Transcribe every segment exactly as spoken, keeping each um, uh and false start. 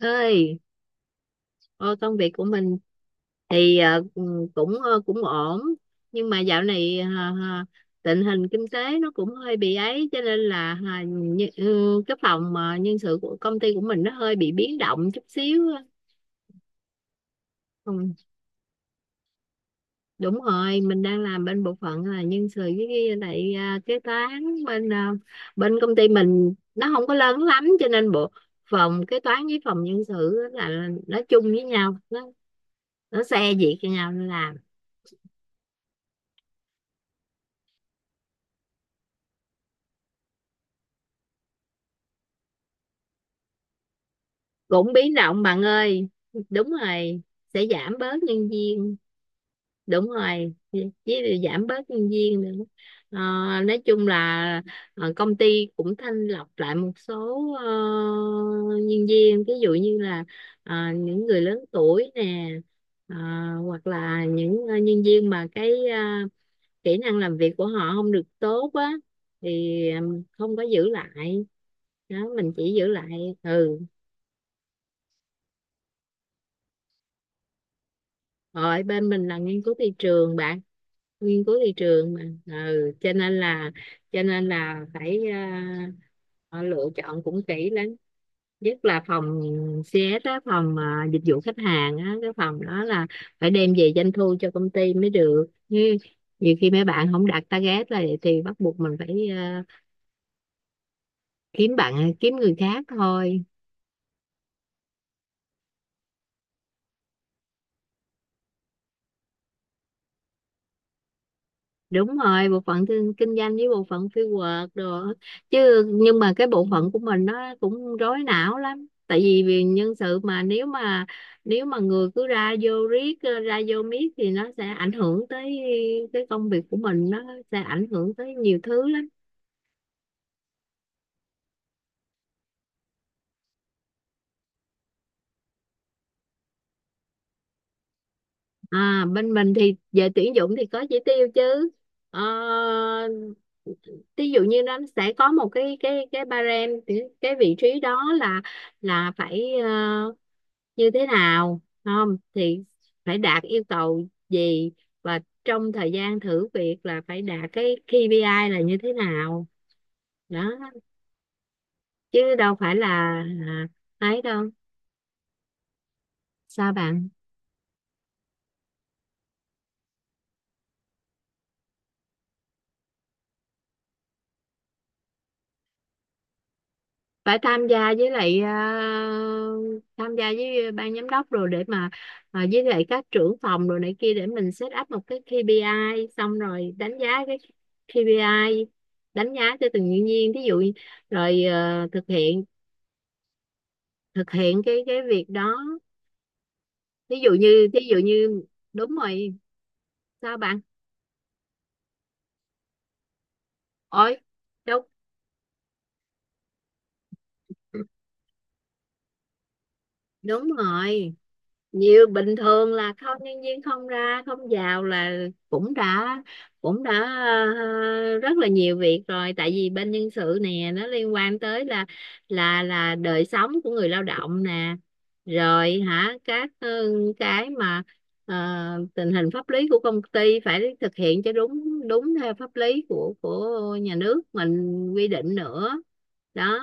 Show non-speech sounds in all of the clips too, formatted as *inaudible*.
Ơi ô, công việc của mình thì ờ, ừ, cũng ờ, cũng ổn. Nhưng mà dạo này ờ, ờ, tình hình kinh tế nó cũng hơi bị ấy cho nên là ờ, như- ừ, cái phòng ờ, nhân sự của công ty của mình nó hơi bị biến động chút xíu. Ừ, đúng rồi, mình đang làm bên bộ phận là nhân sự với lại à, kế toán bên à, bên công ty mình nó không có lớn lắm cho nên bộ phòng kế toán với phòng nhân sự á là nó chung với nhau, nó nó xe việc cho nhau nó làm. Cũng biến động bạn ơi. Đúng rồi, sẽ giảm bớt nhân viên. Đúng rồi, với giảm bớt nhân viên nữa. Ờ, nói chung là ờ, công ty cũng thanh lọc lại một số ờ, nhân viên, ví dụ như là ờ, những người lớn tuổi nè, ờ, hoặc là những ờ, nhân viên mà cái ờ, kỹ năng làm việc của họ không được tốt á thì ừm, không có giữ lại. Đó, mình chỉ giữ lại. Ừ, rồi bên mình là nghiên cứu thị trường bạn, nghiên cứu thị trường mà. Ừ, cho nên là, cho nên là phải à, họ lựa chọn cũng kỹ lắm, nhất là phòng xê ét á, phòng à, dịch vụ khách hàng á, cái phòng đó là phải đem về doanh thu cho công ty mới được. Như nhiều khi mấy bạn không đạt target là thì bắt buộc mình phải à, kiếm bạn, kiếm người khác thôi. Đúng rồi, bộ phận kinh, kinh doanh với bộ phận fieldwork đồ á. Chứ nhưng mà cái bộ phận của mình nó cũng rối não lắm, tại vì vì nhân sự mà, nếu mà, nếu mà người cứ ra vô riết ờ, ra vô miết thì nó sẽ ảnh hưởng tới cái công việc của mình, nó sẽ ảnh hưởng tới nhiều thứ lắm. À, bên mình thì về tuyển dụng thì có chỉ tiêu chứ. Ờ, Ví dụ như nó sẽ có một cái cái cái barem, cái cái vị trí đó là là phải ờ, như thế nào, không thì phải đạt yêu cầu gì, và trong thời gian thử việc là phải đạt cái kây pi ai là như thế nào. Đó, chứ đâu phải là, là ấy đâu. Sao bạn? Phải tham gia với lại ờ, tham gia với ban giám đốc rồi, để mà mà với lại các trưởng phòng rồi này kia, để mình set up một cái ca pê i, xong rồi đánh giá cái kây pi ai, đánh giá cho từng nhân viên thí dụ. Rồi ờ, thực hiện, thực hiện cái cái việc đó. Thí dụ như thí dụ như, đúng rồi. Sao bạn? Ôi đúng, đúng rồi, nhiều. Bình thường là không, nhân viên không ra không vào là cũng đã, cũng đã ờ, rất là nhiều việc rồi, tại vì bên nhân sự nè, nó liên quan tới là là là đời sống của người lao động nè, rồi hả các ờ, cái mà ờ, tình hình pháp lý của công ty phải thực hiện cho đúng, đúng theo pháp lý của của nhà nước mình quy định nữa. Đó,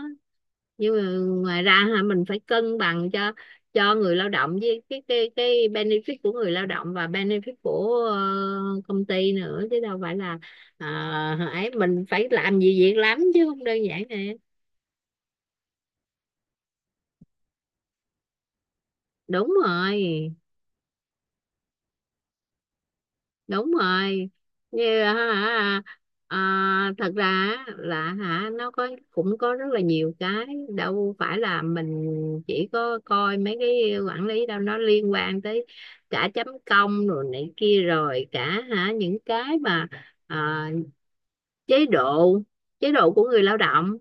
nhưng mà ngoài ra hả, mình phải cân bằng cho cho người lao động với cái cái cái benefit của người lao động và benefit của ờ, công ty nữa, chứ đâu phải là uh, ấy, mình phải làm gì việc lắm chứ không đơn giản nè. Đúng rồi, đúng rồi. Như hả, ờ, thật ra á, là hả, nó có, cũng có rất là nhiều cái, đâu phải là mình chỉ có coi mấy cái quản lý đâu, nó liên quan tới cả chấm công rồi này kia, rồi cả hả những cái mà à, chế độ, chế độ của người lao động.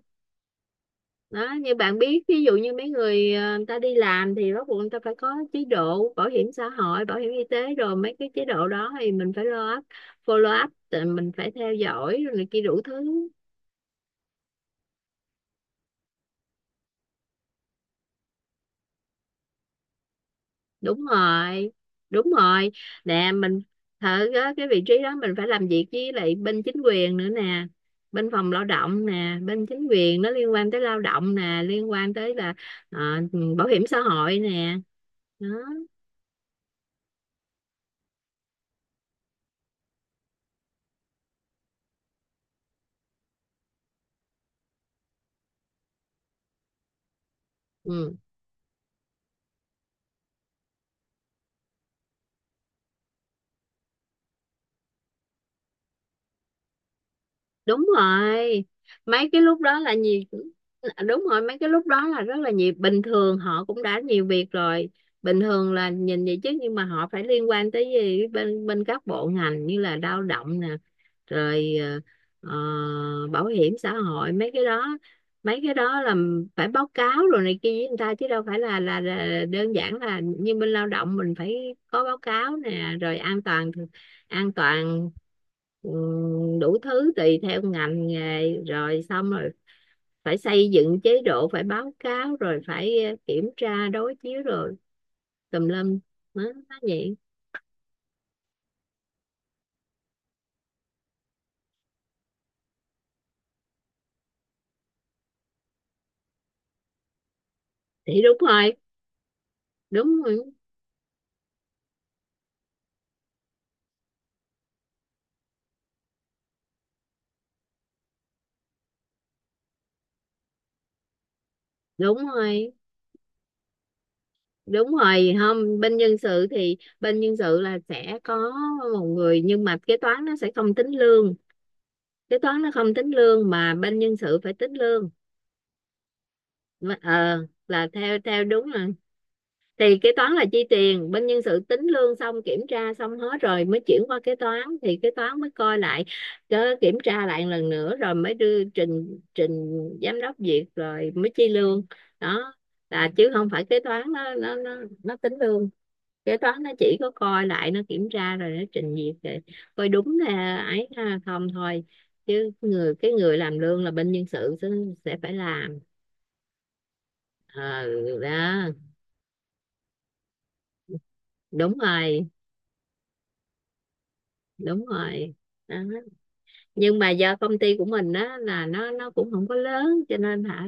Đó, như bạn biết, ví dụ như mấy người ờ, người ta đi làm thì bắt buộc người ta phải có chế độ bảo hiểm xã hội, bảo hiểm y tế, rồi mấy cái chế độ đó thì mình phải lo up, follow up, tự mình phải theo dõi rồi này kia đủ thứ. Đúng rồi, đúng rồi nè, mình thử á, cái vị trí đó mình phải làm việc với lại bên chính quyền nữa nè, bên phòng lao động nè, bên chính quyền nó liên quan tới lao động nè, liên quan tới là ờ, bảo hiểm xã hội nè. Đó. Ừ, đúng rồi. Mấy cái lúc đó là nhiều, đúng rồi, mấy cái lúc đó là rất là nhiều. Bình thường họ cũng đã nhiều việc rồi. Bình thường là nhìn vậy chứ nhưng mà họ phải liên quan tới gì bên bên các bộ ngành như là lao động nè, rồi ờ, ờ, bảo hiểm xã hội, mấy cái đó, mấy cái đó là phải báo cáo rồi này kia với người ta, chứ đâu phải là, là là đơn giản. Là như bên lao động, mình phải có báo cáo nè, rồi an toàn, an toàn, ừ, đủ thứ tùy theo ngành nghề. Rồi xong rồi phải xây dựng chế độ, phải báo cáo, rồi phải ờ, kiểm tra đối chiếu, rồi tùm lum, nó nó vậy. Thì đúng rồi, đúng rồi, đúng rồi. Đúng rồi, không, bên nhân sự thì bên nhân sự là sẽ có một người, nhưng mà kế toán nó sẽ không tính lương, kế toán nó không tính lương mà bên nhân sự phải tính lương. Mà- ờ là theo theo đúng rồi. Thì kế toán là chi tiền, bên nhân sự tính lương xong kiểm tra xong hết rồi mới chuyển qua kế toán, thì kế toán mới coi lại, cứ kiểm tra lại lần nữa rồi mới đưa trình, trình giám đốc duyệt rồi mới chi lương. Đó, là chứ không phải kế toán nó nó nó nó tính lương. Kế toán nó chỉ có coi lại, nó kiểm tra rồi nó trình duyệt để coi đúng là ấy ha, không thôi. Chứ người, cái người làm lương là bên nhân sự sẽ, sẽ phải làm. Ờ đó, đúng rồi, đúng rồi. Đó, nhưng mà do công ty của mình á là nó nó cũng không có lớn cho nên hả,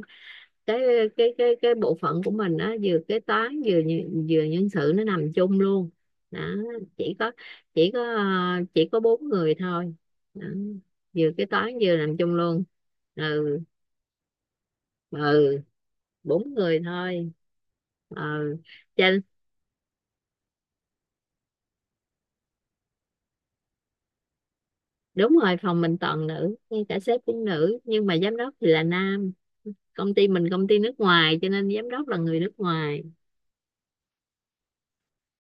cái cái cái cái bộ phận của mình á, vừa kế toán vừa nhi- vừa nhân sự, nó nằm chung luôn. Đó, chỉ có, chỉ có ờ, chỉ có bốn người thôi. Đó, vừa kế toán vừa nằm chung luôn. ừ ừ Bốn người thôi. Ừ, trên. Đúng rồi, phòng mình toàn nữ, ngay cả sếp cũng nữ, nhưng mà giám đốc thì là nam. Công ty mình công ty nước ngoài cho nên giám đốc là người nước ngoài.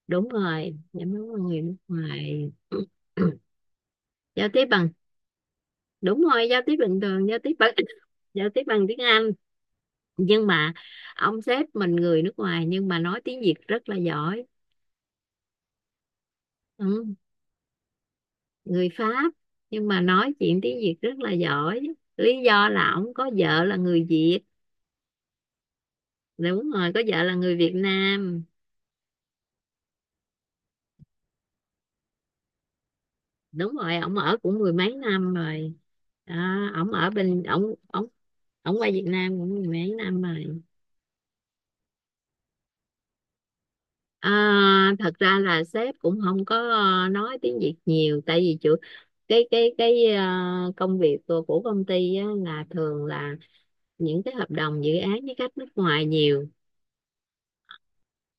Đúng rồi, giám đốc là người nước ngoài. *clears throat* Giao tiếp bằng, đúng rồi, giao tiếp bình thường giao tiếp bằng *laughs* giao tiếp bằng tiếng Anh. Nhưng mà ông sếp mình người nước ngoài nhưng mà nói tiếng Việt rất là giỏi. Ừ. Người Pháp, nhưng mà nói chuyện tiếng Việt rất là giỏi. Lý do là ông có vợ là người Việt. Đúng rồi, có vợ là người Việt Nam. Đúng rồi, ông ở cũng mười mấy năm rồi. Đó, ông ở bên ông ông ông qua Việt Nam cũng mười mấy năm rồi. À, thật ra là sếp cũng không có ờ, nói tiếng Việt nhiều, tại vì chủ, cái cái cái ờ, công việc của của công ty á, là thường là những cái hợp đồng dự án với khách nước ngoài nhiều,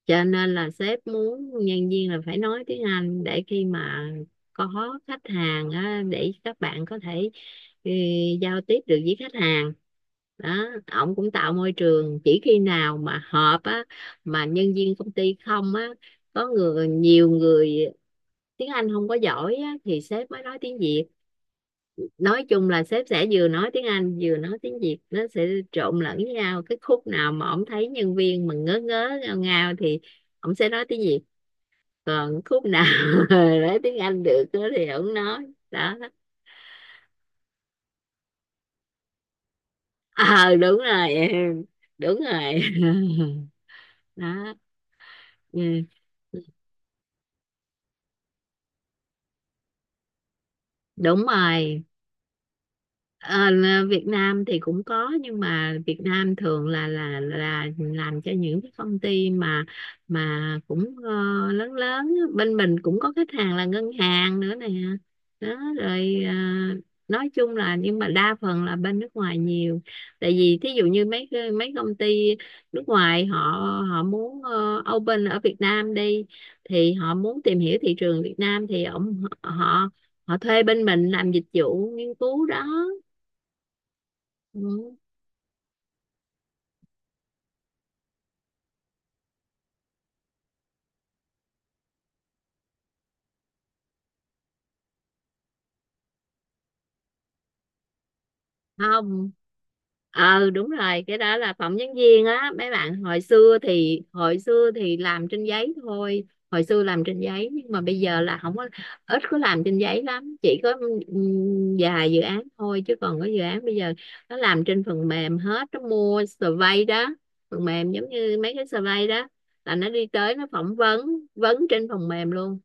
cho nên là sếp muốn nhân viên là phải nói tiếng Anh, để khi mà có khách hàng á, để các bạn có thể ừ, giao tiếp được với khách hàng. Đó, ổng cũng tạo môi trường. Chỉ khi nào mà họp á, mà nhân viên công ty không á, có người, nhiều người tiếng Anh không có giỏi á, thì sếp mới nói tiếng Việt. Nói chung là sếp sẽ vừa nói tiếng Anh vừa nói tiếng Việt, nó sẽ trộn lẫn với nhau. Cái khúc nào mà ổng thấy nhân viên mà ngớ ngớ ngao ngao thì ổng sẽ nói tiếng Việt, còn khúc nào *laughs* nói tiếng Anh được đó thì ổng nói. Đó ờ, đúng rồi em. Đúng rồi *laughs* đó. Ừ. Đúng rồi. Ờ, là Việt Nam thì cũng có, nhưng mà Việt Nam thường là là là làm cho những cái công ty mà mà cũng ờ, lớn lớn á. Bên mình cũng có khách hàng là ngân hàng nữa nè. Đó, rồi ờ, nói chung là, nhưng mà đa phần là bên nước ngoài nhiều. Tại vì thí dụ như mấy cái- mấy công ty nước ngoài họ, họ muốn ờ, open ở Việt Nam đi, thì họ muốn tìm hiểu thị trường Việt Nam, thì ông họ họ thuê bên mình làm dịch vụ nghiên cứu đó. Ừ. Không, ờ đúng rồi, cái đó là phỏng vấn viên á. Mấy bạn hồi xưa thì, hồi xưa thì làm trên giấy thôi. Hồi xưa làm trên giấy, nhưng mà bây giờ là không có, ít có làm trên giấy lắm, chỉ có ừm, vài dự án thôi, chứ còn có dự án bây giờ nó làm trên phần mềm hết, nó mua survey đó, phần mềm giống như mấy cái survey đó, là nó đi tới nó phỏng vấn, vấn trên phần mềm luôn.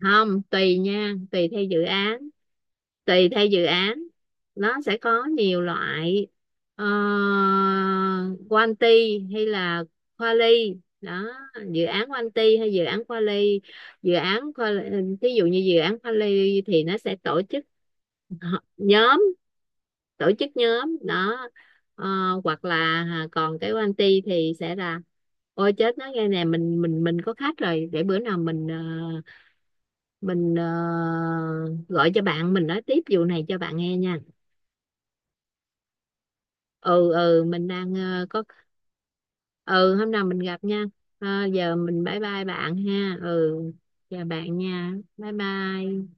Không, tùy nha, tùy theo dự án, tùy theo dự án. Nó sẽ có nhiều loại, ờ, quanti hay là quali đó, dự án quanti hay dự án quali. Dự án quali, ví dụ như dự án quali thì nó sẽ tổ chức họ- nhóm, tổ chức nhóm đó. Ờ, Hoặc là à, còn cái quanti thì sẽ là, ôi chết, nói nghe nè, mình mình mình có khách rồi, để bữa nào mình ờ, mình ờ, gọi cho bạn, mình nói tiếp vụ này cho bạn nghe nha. ừ ừ mình đang ờ, có. Ừ, hôm nào mình gặp nha. Ờ, giờ mình bye bye bạn ha. Ừ, chào bạn nha, bye bye.